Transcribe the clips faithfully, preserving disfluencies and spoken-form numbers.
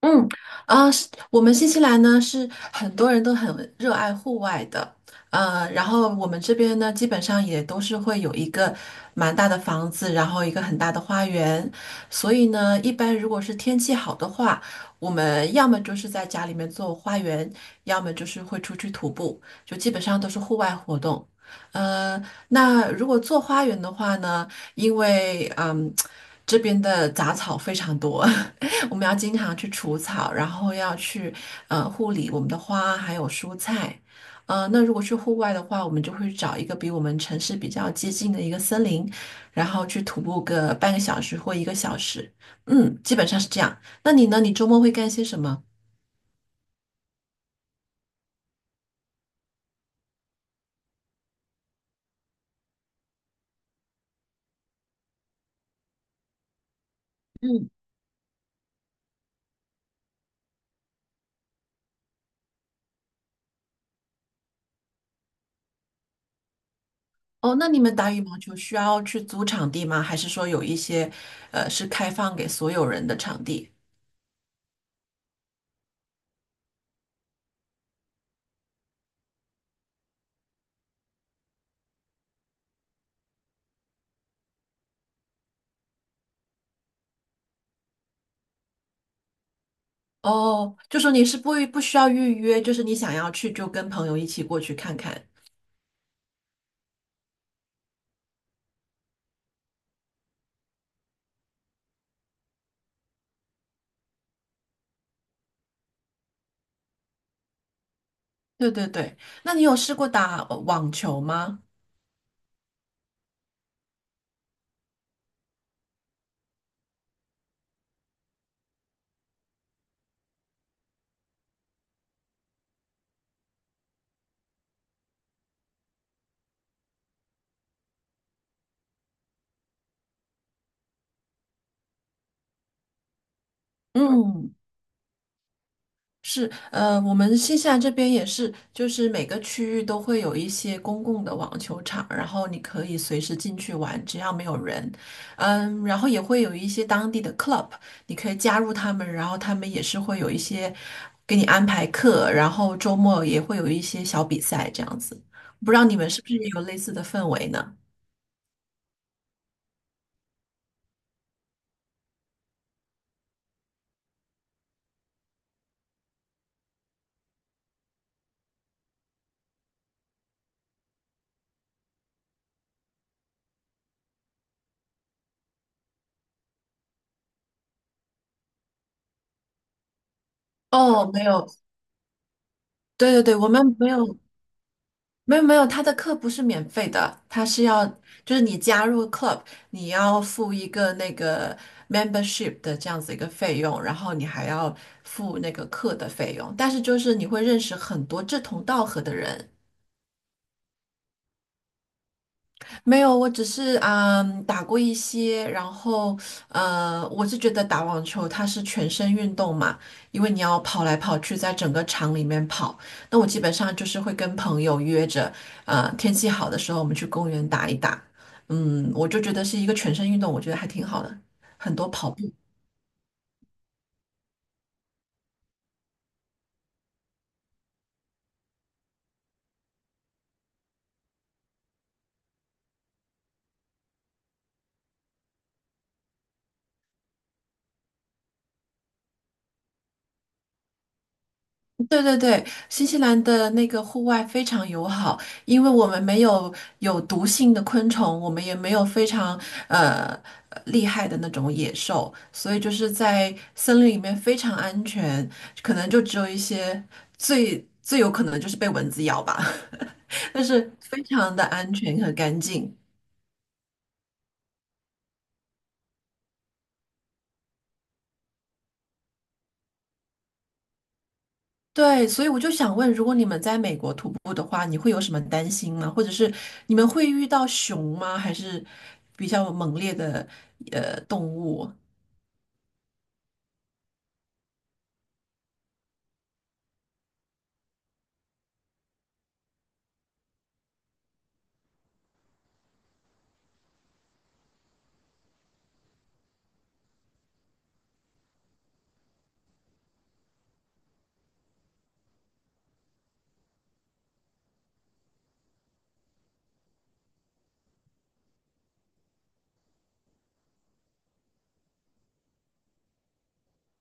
嗯，啊、是我们新西兰呢是很多人都很热爱户外的，呃，然后我们这边呢基本上也都是会有一个蛮大的房子，然后一个很大的花园，所以呢，一般如果是天气好的话，我们要么就是在家里面做花园，要么就是会出去徒步，就基本上都是户外活动。呃，那如果做花园的话呢，因为嗯，这边的杂草非常多。我们要经常去除草，然后要去呃护理我们的花还有蔬菜。呃，那如果去户外的话，我们就会找一个比我们城市比较接近的一个森林，然后去徒步个半个小时或一个小时。嗯，基本上是这样。那你呢？你周末会干些什么？哦，那你们打羽毛球需要去租场地吗？还是说有一些呃是开放给所有人的场地？哦，就说你是不不需要预约，就是你想要去就跟朋友一起过去看看。对对对，那你有试过打呃网球吗？嗯，是，呃，我们新西兰这边也是，就是每个区域都会有一些公共的网球场，然后你可以随时进去玩，只要没有人。嗯，然后也会有一些当地的 club，你可以加入他们，然后他们也是会有一些给你安排课，然后周末也会有一些小比赛这样子。不知道你们是不是也有类似的氛围呢？哦，没有，对对对，我们没有，没有没有，他的课不是免费的，他是要就是你加入 club，你要付一个那个 membership 的这样子一个费用，然后你还要付那个课的费用，但是就是你会认识很多志同道合的人，没有，我只是嗯打过一些，然后呃，我是觉得打网球它是全身运动嘛，因为你要跑来跑去，在整个场里面跑。那我基本上就是会跟朋友约着，呃，天气好的时候我们去公园打一打。嗯，我就觉得是一个全身运动，我觉得还挺好的，很多跑步。对对对，新西兰的那个户外非常友好，因为我们没有有毒性的昆虫，我们也没有非常呃呃厉害的那种野兽，所以就是在森林里面非常安全，可能就只有一些最最有可能就是被蚊子咬吧，但是非常的安全和干净。对，所以我就想问，如果你们在美国徒步的话，你会有什么担心吗？或者是你们会遇到熊吗？还是比较猛烈的呃动物？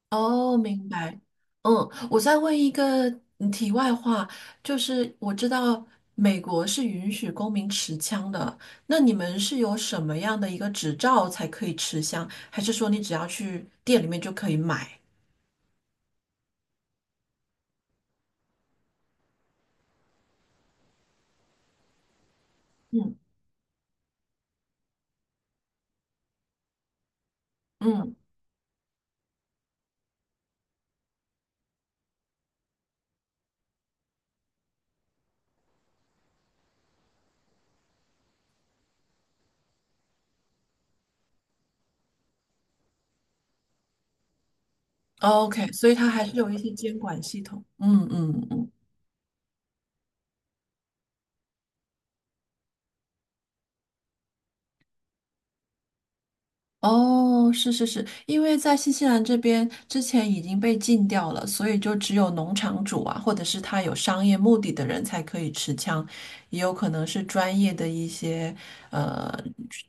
哦，明白。嗯，我再问一个嗯题外话，就是我知道美国是允许公民持枪的，那你们是有什么样的一个执照才可以持枪？还是说你只要去店里面就可以买？嗯嗯，OK，所以它还是有一些监管系统。嗯嗯嗯。哦，是是是，因为在新西兰这边之前已经被禁掉了，所以就只有农场主啊，或者是他有商业目的的人才可以持枪，也有可能是专业的一些呃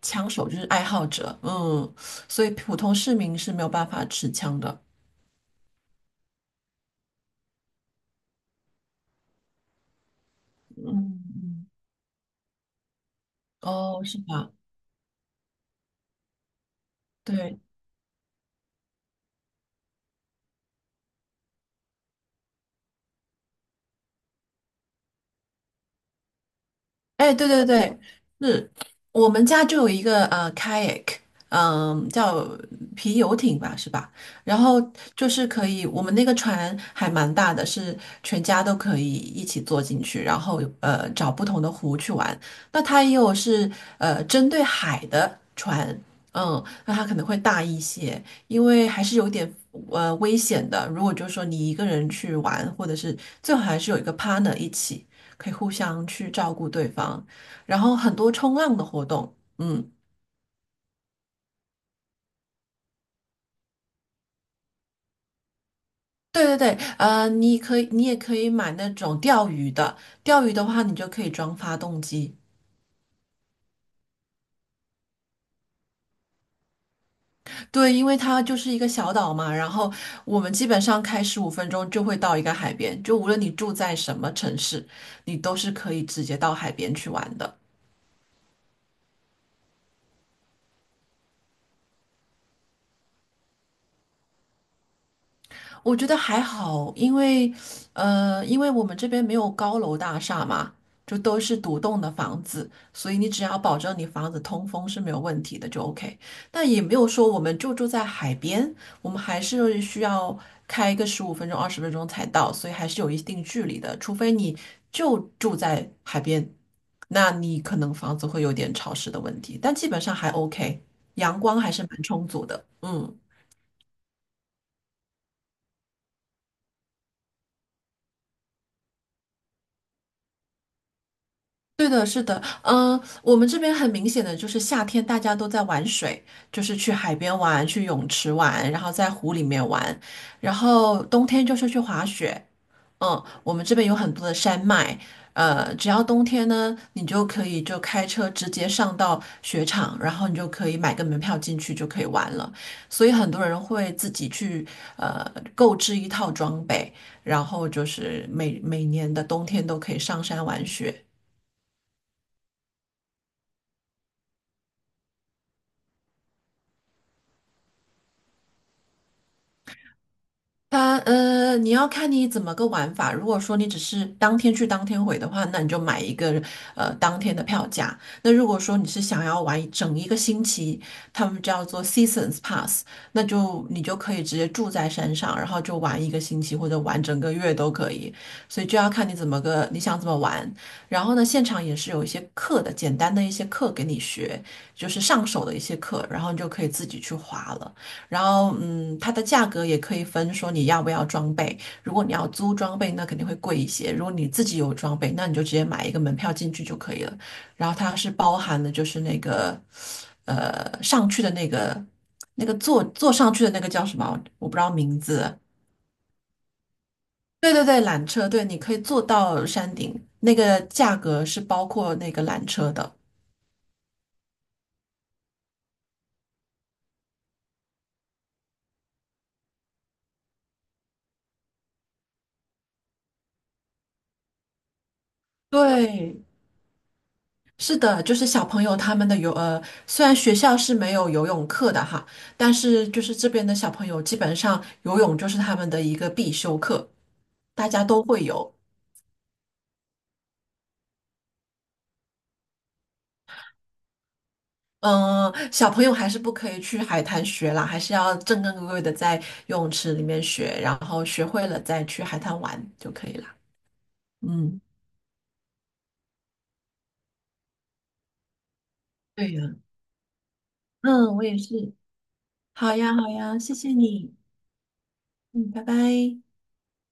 枪手，就是爱好者，嗯，所以普通市民是没有办法持枪的，嗯，嗯哦，是吧？对。哎，对对对，是我们家就有一个呃 kayak，嗯、叫皮游艇吧，是吧？然后就是可以，我们那个船还蛮大的，是全家都可以一起坐进去，然后呃找不同的湖去玩。那它也有是呃针对海的船，嗯，那它可能会大一些，因为还是有点呃危险的。如果就是说你一个人去玩，或者是最好还是有一个 partner 一起。可以互相去照顾对方，然后很多冲浪的活动，嗯，对对对，呃，你可以，你也可以买那种钓鱼的，钓鱼的话，你就可以装发动机，对，因为它就是一个小岛嘛，然后我们基本上开十五分钟就会到一个海边，就无论你住在什么城市，你都是可以直接到海边去玩的。我觉得还好，因为，呃，因为我们这边没有高楼大厦嘛，就都是独栋的房子，所以你只要保证你房子通风是没有问题的，就 OK。但也没有说我们就住在海边，我们还是需要开一个十五分钟、二十分钟才到，所以还是有一定距离的。除非你就住在海边，那你可能房子会有点潮湿的问题，但基本上还 OK，阳光还是蛮充足的。嗯。对的，是的，嗯，我们这边很明显的就是夏天大家都在玩水，就是去海边玩，去泳池玩，然后在湖里面玩，然后冬天就是去滑雪。嗯，我们这边有很多的山脉，呃，只要冬天呢，你就可以就开车直接上到雪场，然后你就可以买个门票进去就可以玩了。所以很多人会自己去呃购置一套装备，然后就是每每年的冬天都可以上山玩雪。它呃，你要看你怎么个玩法。如果说你只是当天去当天回的话，那你就买一个呃当天的票价。那如果说你是想要玩一整一个星期，他们叫做 Seasons Pass，那就你就可以直接住在山上，然后就玩一个星期或者玩整个月都可以。所以就要看你怎么个你想怎么玩。然后呢，现场也是有一些课的，简单的一些课给你学，就是上手的一些课，然后你就可以自己去滑了。然后，嗯，它的价格也可以分，说你要不要装备。如果你要租装备，那肯定会贵一些；如果你自己有装备，那你就直接买一个门票进去就可以了。然后它是包含的，就是那个，呃，上去的那个那个坐坐上去的那个叫什么？我不知道名字。对对对，缆车，对，你可以坐到山顶，那个价格是包括那个缆车的。对是的，就是小朋友他们的游，呃，虽然学校是没有游泳课的哈，但是就是这边的小朋友基本上游泳就是他们的一个必修课，大家都会游。嗯、小朋友还是不可以去海滩学啦，还是要正正规规的在游泳池里面学，然后学会了再去海滩玩就可以啦。嗯，对呀，嗯，我也是。好呀，好呀，谢谢你。嗯，拜拜。